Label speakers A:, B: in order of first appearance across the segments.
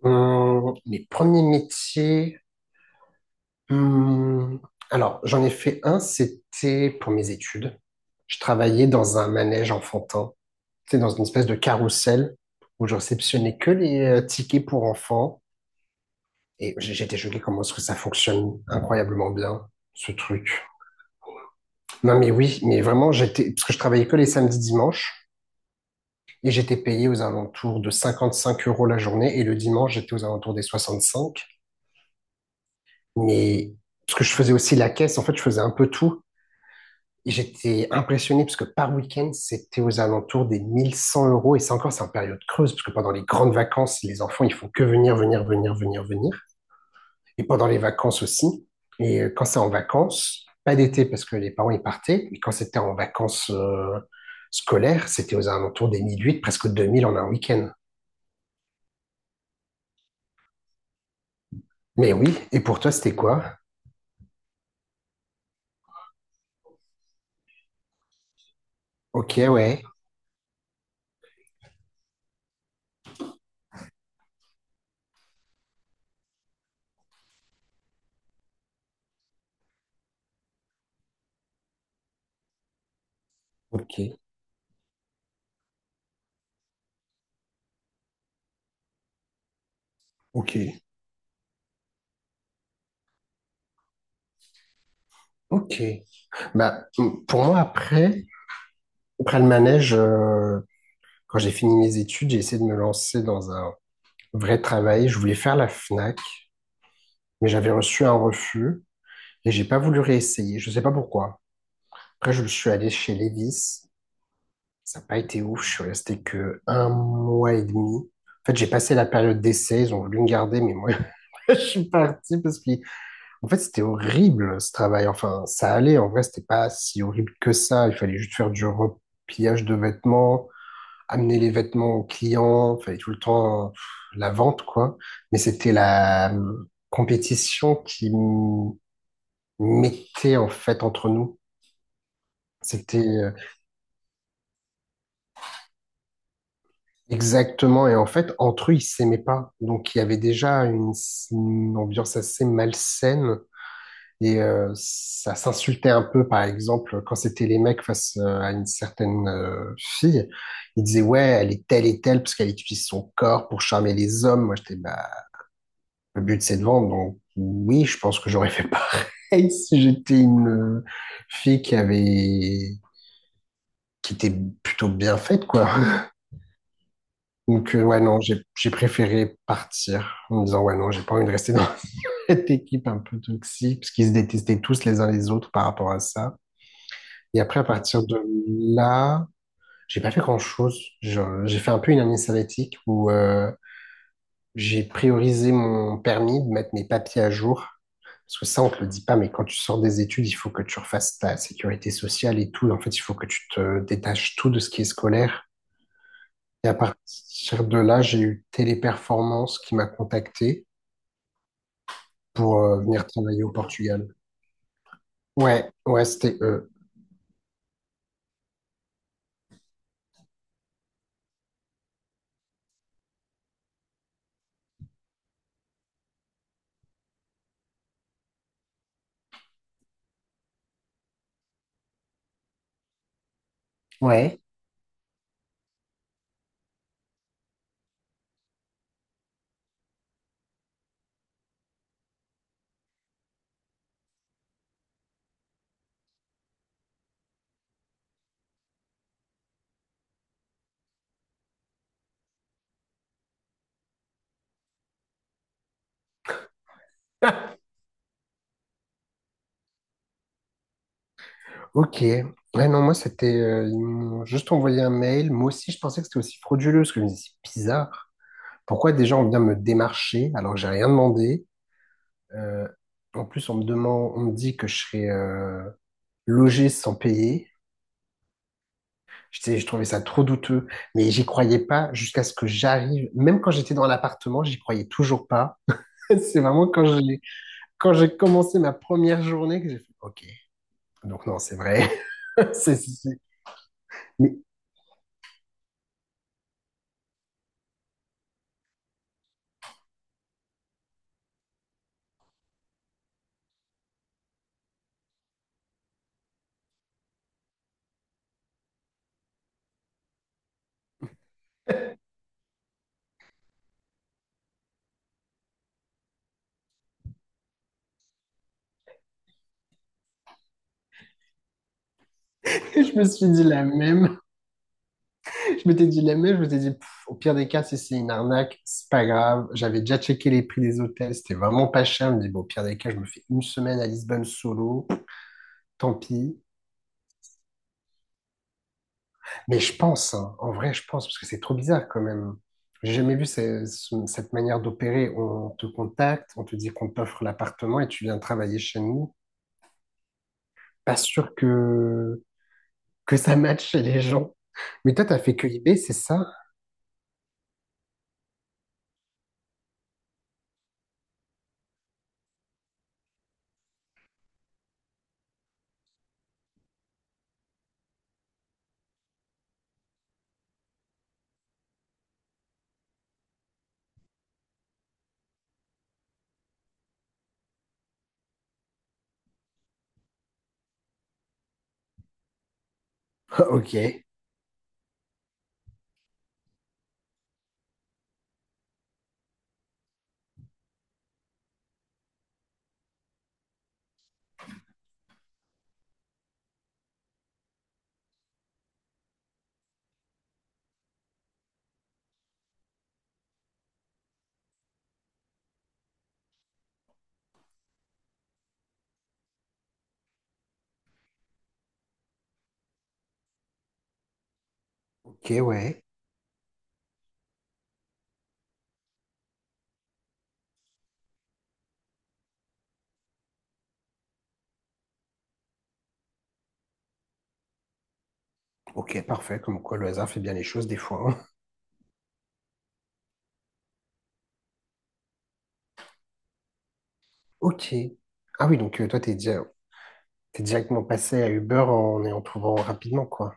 A: Les premiers métiers. hum, alors, j'en ai fait un, c'était pour mes études. Je travaillais dans un manège enfantin, c'était dans une espèce de carrousel où je réceptionnais que les tickets pour enfants. Et j'étais choqué comment est-ce que ça fonctionne incroyablement bien, ce truc. Non, mais oui, mais vraiment, j'étais, parce que je travaillais que les samedis, dimanches, et j'étais payé aux alentours de 55 euros la journée, et le dimanche, j'étais aux alentours des 65. Mais parce que je faisais aussi la caisse, en fait, je faisais un peu tout. Et j'étais impressionné parce que par week-end, c'était aux alentours des 1 100 euros. Et c'est encore, c'est en période creuse, parce que pendant les grandes vacances, les enfants, ils font que venir, venir, venir, venir, venir. Et pendant les vacances aussi. Et quand c'est en vacances, pas d'été parce que les parents, ils partaient. Et quand c'était en vacances scolaires, c'était aux alentours des mille huit presque 2 000 en un week-end. Mais oui, et pour toi, c'était quoi? Ok, ouais. Ok, ok, ok. Bah, pour moi, après le manège, quand j'ai fini mes études, j'ai essayé de me lancer dans un vrai travail. Je voulais faire la Fnac, mais j'avais reçu un refus et j'ai pas voulu réessayer. Je sais pas pourquoi. Après, je suis allé chez Levis. Ça n'a pas été ouf. Je suis resté que un mois et demi. En fait, j'ai passé la période d'essai. Ils ont voulu me garder, mais moi, je suis parti parce que, en fait, c'était horrible ce travail. Enfin, ça allait. En vrai, c'était pas si horrible que ça. Il fallait juste faire du repliage de vêtements amener les vêtements aux clients, fallait tout le temps pff, la vente, quoi. Mais c'était la compétition qui mettait en fait entre nous. C'était exactement, et en fait, entre eux, ils s'aimaient pas. Donc, il y avait déjà une, une ambiance assez malsaine. Et ça s'insultait un peu, par exemple, quand c'était les mecs face à une certaine fille. Ils disaient, ouais, elle est telle et telle parce qu'elle utilise son corps pour charmer les hommes. Moi, j'étais, bah, le but, c'est de vendre. Donc, oui, je pense que j'aurais fait pareil si j'étais une fille qui avait, qui était plutôt bien faite, quoi. Donc, ouais, non, j'ai préféré partir en me disant, ouais, non, j'ai pas envie de rester dans cette équipe un peu toxique, parce qu'ils se détestaient tous les uns les autres par rapport à ça. Et après, à partir de là, j'ai pas fait grand-chose. J'ai fait un peu une année sabbatique où j'ai priorisé mon permis de mettre mes papiers à jour. Parce que ça, on ne te le dit pas, mais quand tu sors des études, il faut que tu refasses ta sécurité sociale et tout. En fait, il faut que tu te détaches tout de ce qui est scolaire. Et à partir de là, j'ai eu Téléperformance qui m'a contacté pour venir travailler au Portugal. Ouais, ouais, c'était eux. Ouais. Ok. Ouais, non, moi, c'était. Ils m'ont juste envoyé un mail. Moi aussi, je pensais que c'était aussi frauduleux, parce que je me disais, c'est bizarre. Pourquoi des gens viennent me démarcher alors que j'ai rien demandé? Euh, En plus, on me demande, on me dit que je serais logé sans payer. Je trouvais ça trop douteux, mais j'y croyais pas jusqu'à ce que j'arrive. Même quand j'étais dans l'appartement, j'y croyais toujours pas. C'est vraiment quand j'ai commencé ma première journée que j'ai fait OK. Donc non, c'est vrai. C'est, c'est- c'est- Mais je me suis dit la même. Je m'étais dit la même. Je m'étais dit pff, au pire des cas, si c'est une arnaque, c'est pas grave. J'avais déjà checké les prix des hôtels. C'était vraiment pas cher. Je me dis bon, au pire des cas, je me fais une semaine à Lisbonne solo. Tant pis. Mais je pense, hein, en vrai, je pense, parce que c'est trop bizarre quand même. J'ai jamais vu cette manière d'opérer. On te contacte, on te dit qu'on t'offre l'appartement et tu viens travailler chez nous. Pas sûr que ça matche chez les gens. Mais toi, t'as fait que eBay, c'est ça? Ok, ok, ouais. Ok, parfait, comme quoi le hasard fait bien les choses des fois, hein. Ok. Ah oui, donc toi, t'es directement passé à Uber en ayant trouvé rapidement, quoi.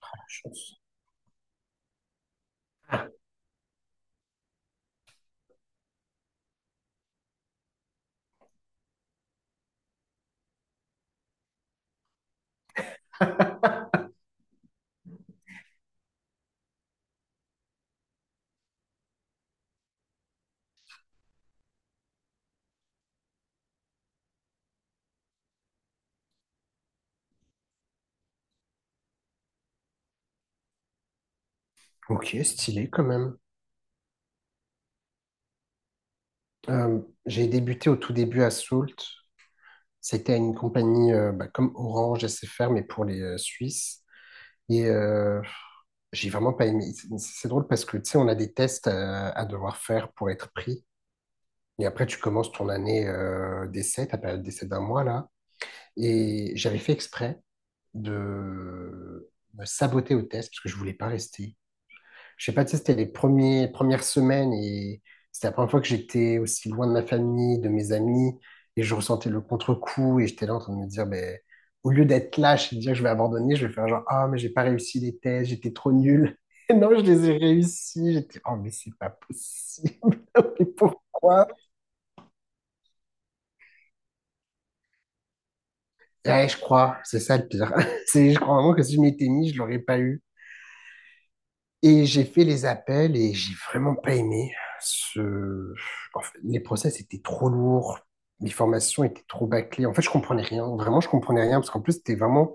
A: La chance. Ah, ok, stylé quand même. Euh, j'ai débuté au tout début à Salt. C'était à une compagnie bah, comme Orange SFR, mais pour les Suisses. Et j'ai vraiment pas aimé. C'est drôle parce que, tu sais, on a des tests à devoir faire pour être pris. Et après, tu commences ton année d'essai, ta période d'essai d'un mois, là. Et j'avais fait exprès de me saboter au test parce que je voulais pas rester. Je sais pas, tu sais, c'était premières semaines et c'était la première fois que j'étais aussi loin de ma famille, de mes amis et je ressentais le contre-coup et j'étais là en train de me dire, ben, au lieu d'être lâche et de dire que je vais abandonner, je vais faire genre, ah, mais j'ai pas réussi les tests, j'étais trop nul. Et non, je les ai réussis. J'étais, oh, mais c'est pas possible. Mais pourquoi? Ouais, je crois, c'est ça le pire. C'est, je crois vraiment que si je m'étais mis, je l'aurais pas eu. Et j'ai fait les appels et j'ai vraiment pas aimé ce... en fait, les process étaient trop lourds, les formations étaient trop bâclées. En fait, je comprenais rien. Vraiment, je comprenais rien parce qu'en plus, c'était vraiment,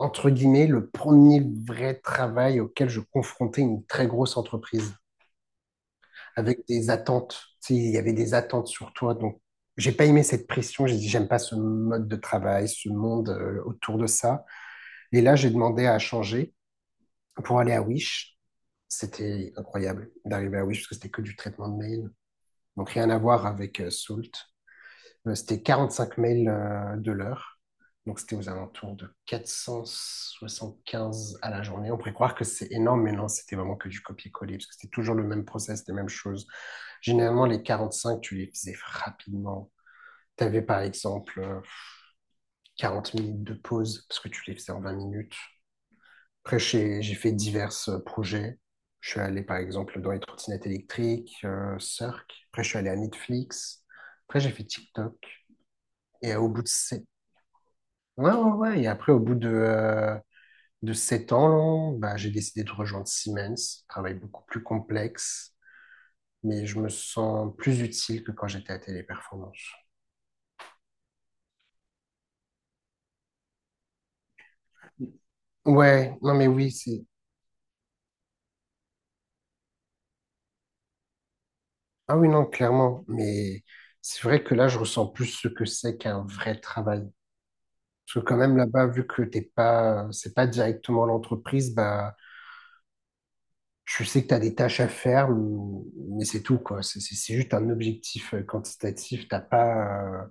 A: entre guillemets, le premier vrai travail auquel je confrontais une très grosse entreprise avec des attentes. Tu sais, il y avait des attentes sur toi. Donc, j'ai pas aimé cette pression. J'ai dit, j'aime pas ce mode de travail, ce monde autour de ça. Et là, j'ai demandé à changer pour aller à Wish. C'était incroyable d'arriver à Wish parce que c'était que du traitement de mail. Donc rien à voir avec Salt. C'était 45 mails de l'heure. Donc c'était aux alentours de 475 à la journée. On pourrait croire que c'est énorme, mais non, c'était vraiment que du copier-coller parce que c'était toujours le même process, les mêmes choses. Généralement, les 45, tu les faisais rapidement. Tu avais par exemple 40 minutes de pause parce que tu les faisais en 20 minutes. Après, j'ai fait divers projets. Je suis allé, par exemple, dans les trottinettes électriques, Cirque. Après, je suis allé à Netflix. Après, j'ai fait TikTok. Et au bout de sept... Ouais, ouais, ouais. Et après, au bout de 7 ans, là, bah, j'ai décidé de rejoindre Siemens. Travail beaucoup plus complexe, mais je me sens plus utile que quand j'étais à Téléperformance. Ouais, non, mais oui, c'est... Ah oui, non, clairement. Mais c'est vrai que là, je ressens plus ce que c'est qu'un vrai travail. Parce que quand même là-bas, vu que t'es pas, c'est pas directement l'entreprise, bah, je sais que tu as des tâches à faire, mais c'est tout, quoi. C'est juste un objectif quantitatif.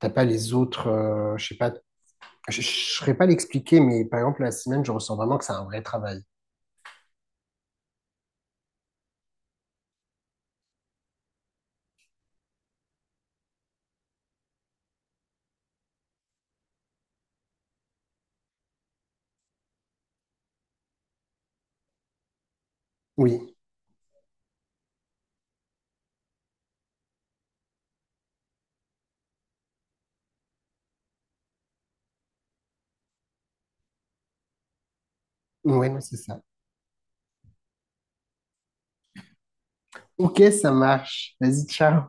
A: T'as pas les autres, je sais pas, je saurais pas l'expliquer, mais par exemple, la semaine, je ressens vraiment que c'est un vrai travail. Oui, ouais, non, c'est ça. Ok, ça marche. Vas-y, ciao.